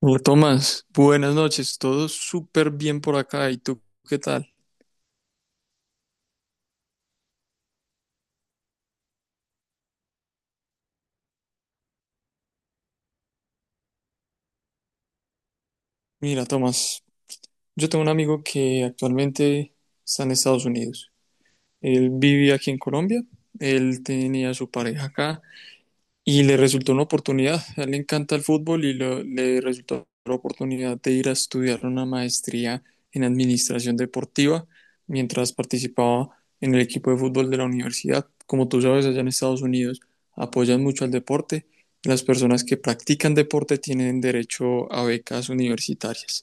Hola, Tomás, buenas noches, todo súper bien por acá. ¿Y tú qué tal? Mira, Tomás, yo tengo un amigo que actualmente está en Estados Unidos. Él vive aquí en Colombia, él tenía su pareja acá y le resultó una oportunidad. A él le encanta el fútbol y le resultó la oportunidad de ir a estudiar una maestría en administración deportiva mientras participaba en el equipo de fútbol de la universidad. Como tú sabes, allá en Estados Unidos apoyan mucho al deporte. Las personas que practican deporte tienen derecho a becas universitarias.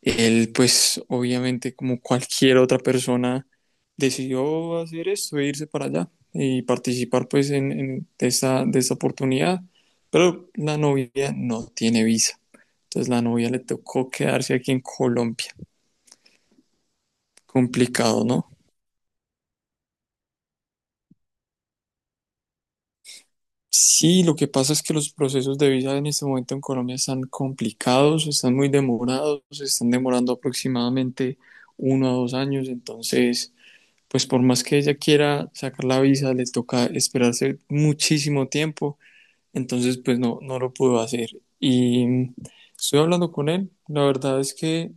Él, pues, obviamente, como cualquier otra persona, decidió hacer esto e irse para allá y participar pues en esa, de esa oportunidad. Pero la novia no tiene visa. Entonces la novia le tocó quedarse aquí en Colombia. Complicado, ¿no? Sí, lo que pasa es que los procesos de visa en este momento en Colombia están complicados, están muy demorados, están demorando aproximadamente uno a dos años, entonces, pues por más que ella quiera sacar la visa, le toca esperarse muchísimo tiempo. Entonces, pues no, no lo pudo hacer. Y estoy hablando con él. La verdad es que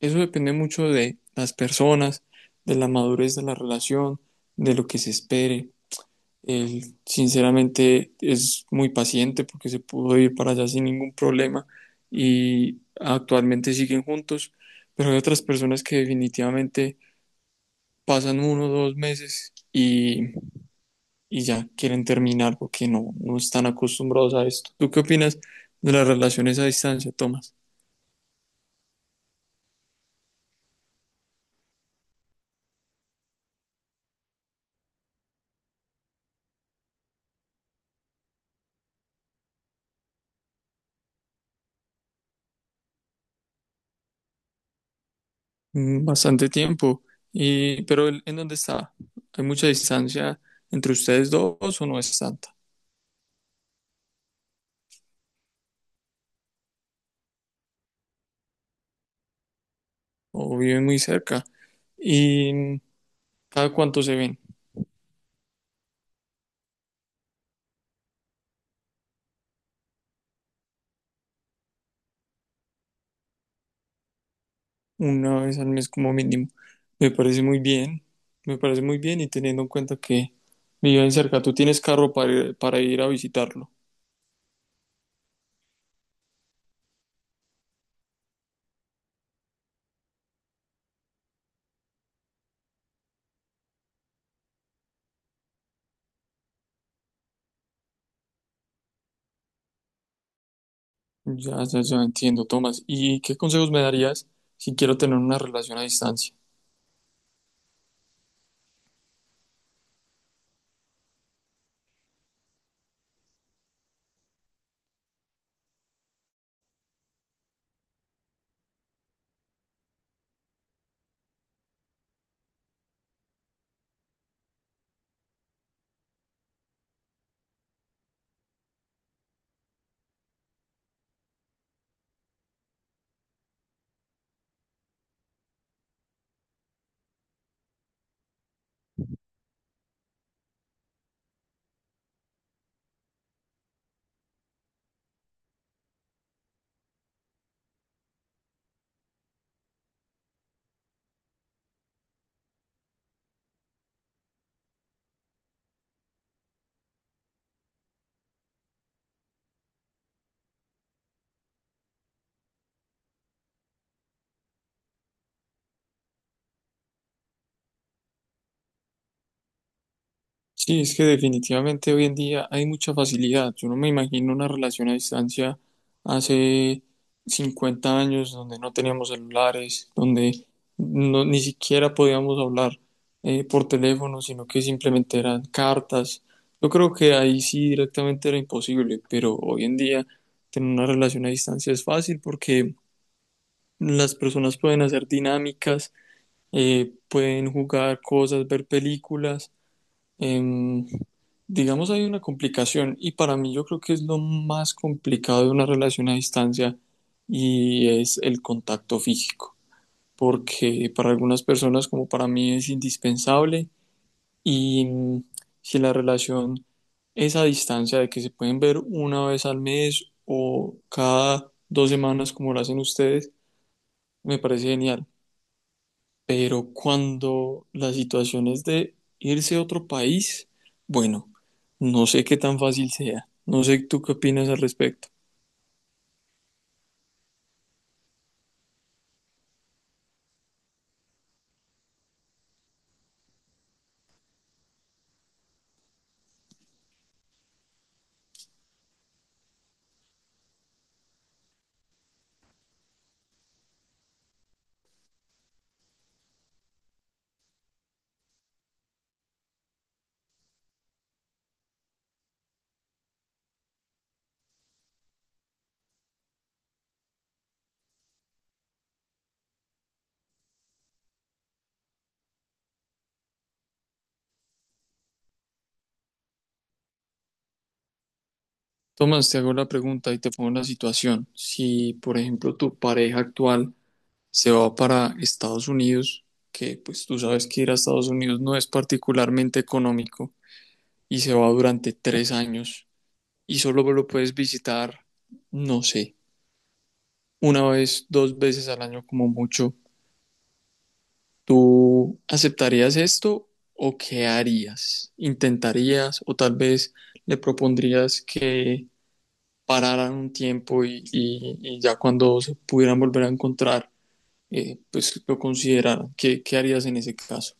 eso depende mucho de las personas, de la madurez de la relación, de lo que se espere. Él, sinceramente, es muy paciente porque se pudo ir para allá sin ningún problema y actualmente siguen juntos. Pero hay otras personas que definitivamente pasan uno o dos meses y ya quieren terminar porque no, no están acostumbrados a esto. ¿Tú qué opinas de las relaciones a distancia, Tomás? Mm, bastante tiempo, y, pero ¿en dónde está? ¿Hay mucha distancia entre ustedes dos o no es tanta? ¿O viven muy cerca? ¿Y cada cuánto se ven? Una vez al mes como mínimo. Me parece muy bien, me parece muy bien y teniendo en cuenta que viven cerca, ¿tú tienes carro para para ir a visitarlos? Ya, ya, ya entiendo, Tomás. ¿Y qué consejos me darías si quiero tener una relación a distancia? Sí, es que definitivamente hoy en día hay mucha facilidad. Yo no me imagino una relación a distancia hace 50 años donde no teníamos celulares, donde no, ni siquiera podíamos hablar por teléfono, sino que simplemente eran cartas. Yo creo que ahí sí directamente era imposible, pero hoy en día tener una relación a distancia es fácil porque las personas pueden hacer dinámicas, pueden jugar cosas, ver películas. em, digamos, hay una complicación y para mí yo creo que es lo más complicado de una relación a distancia y es el contacto físico, porque para algunas personas como para mí es indispensable y mm, si la relación es a distancia de que se pueden ver una vez al mes o cada dos semanas como lo hacen ustedes, me parece genial. Pero cuando la situación es de irse a otro país, bueno, no sé qué tan fácil sea. No sé tú qué opinas al respecto. Tomás, te hago la pregunta y te pongo la situación. Si, por ejemplo, tu pareja actual se va para Estados Unidos, que pues tú sabes que ir a Estados Unidos no es particularmente económico, y se va durante tres años y solo lo puedes visitar, no sé, una vez, dos veces al año como mucho. ¿Tú aceptarías esto o qué harías? ¿Intentarías o tal vez le propondrías que pararan un tiempo y ya cuando se pudieran volver a encontrar, pues lo consideraran? ¿Qué, qué harías en ese caso?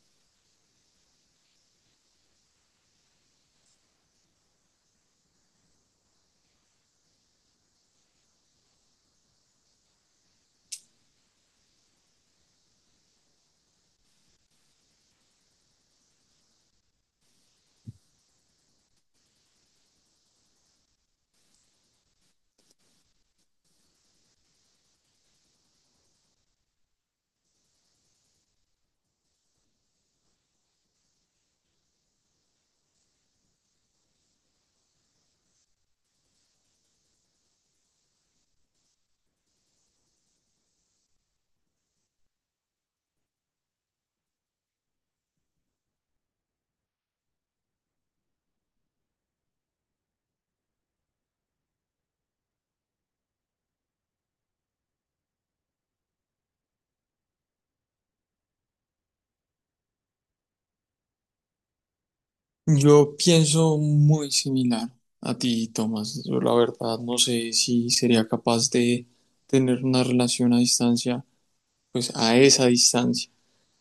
Yo pienso muy similar a ti, Tomás. Yo la verdad no sé si sería capaz de tener una relación a distancia, pues a esa distancia.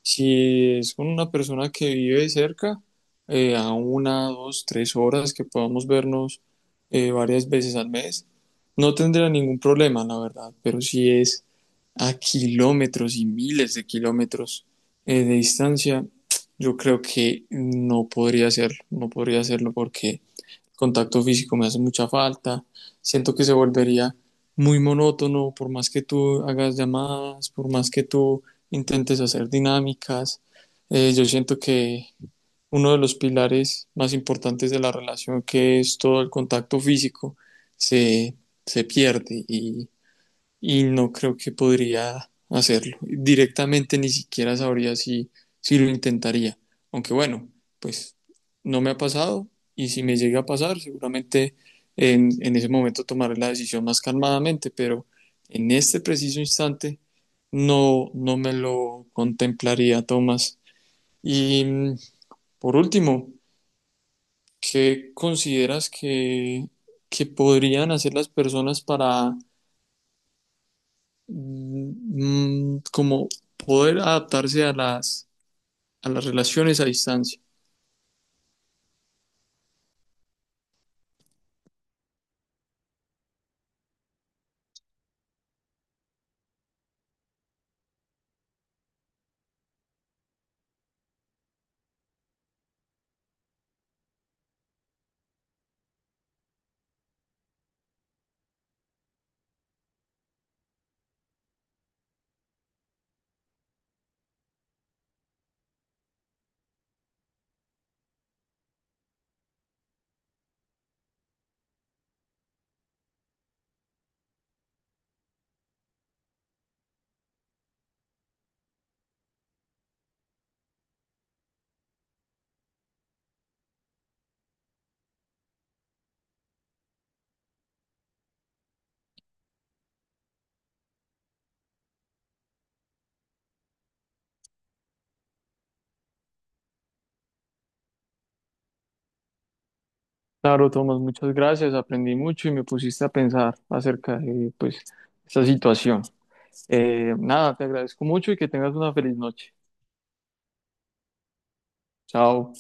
Si es con una persona que vive cerca, a una, dos, tres horas que podamos vernos varias veces al mes, no tendría ningún problema, la verdad. Pero si es a kilómetros y miles de kilómetros de distancia, yo creo que no podría hacerlo, no podría hacerlo porque contacto físico me hace mucha falta, siento que se volvería muy monótono por más que tú hagas llamadas, por más que tú intentes hacer dinámicas. Yo siento que uno de los pilares más importantes de la relación, que es todo el contacto físico, se, se pierde y no creo que podría hacerlo. Directamente ni siquiera sabría si, si lo intentaría. Aunque bueno, pues no me ha pasado y si me llega a pasar, seguramente en ese momento tomaré la decisión más calmadamente, pero en este preciso instante no, no me lo contemplaría, Tomás. Y mm, por último, ¿qué consideras que podrían hacer las personas para mm, como poder adaptarse a las relaciones a distancia? Claro, Tomás, muchas gracias. Aprendí mucho y me pusiste a pensar acerca de, pues, esta situación. Nada, te agradezco mucho y que tengas una feliz noche. Chao.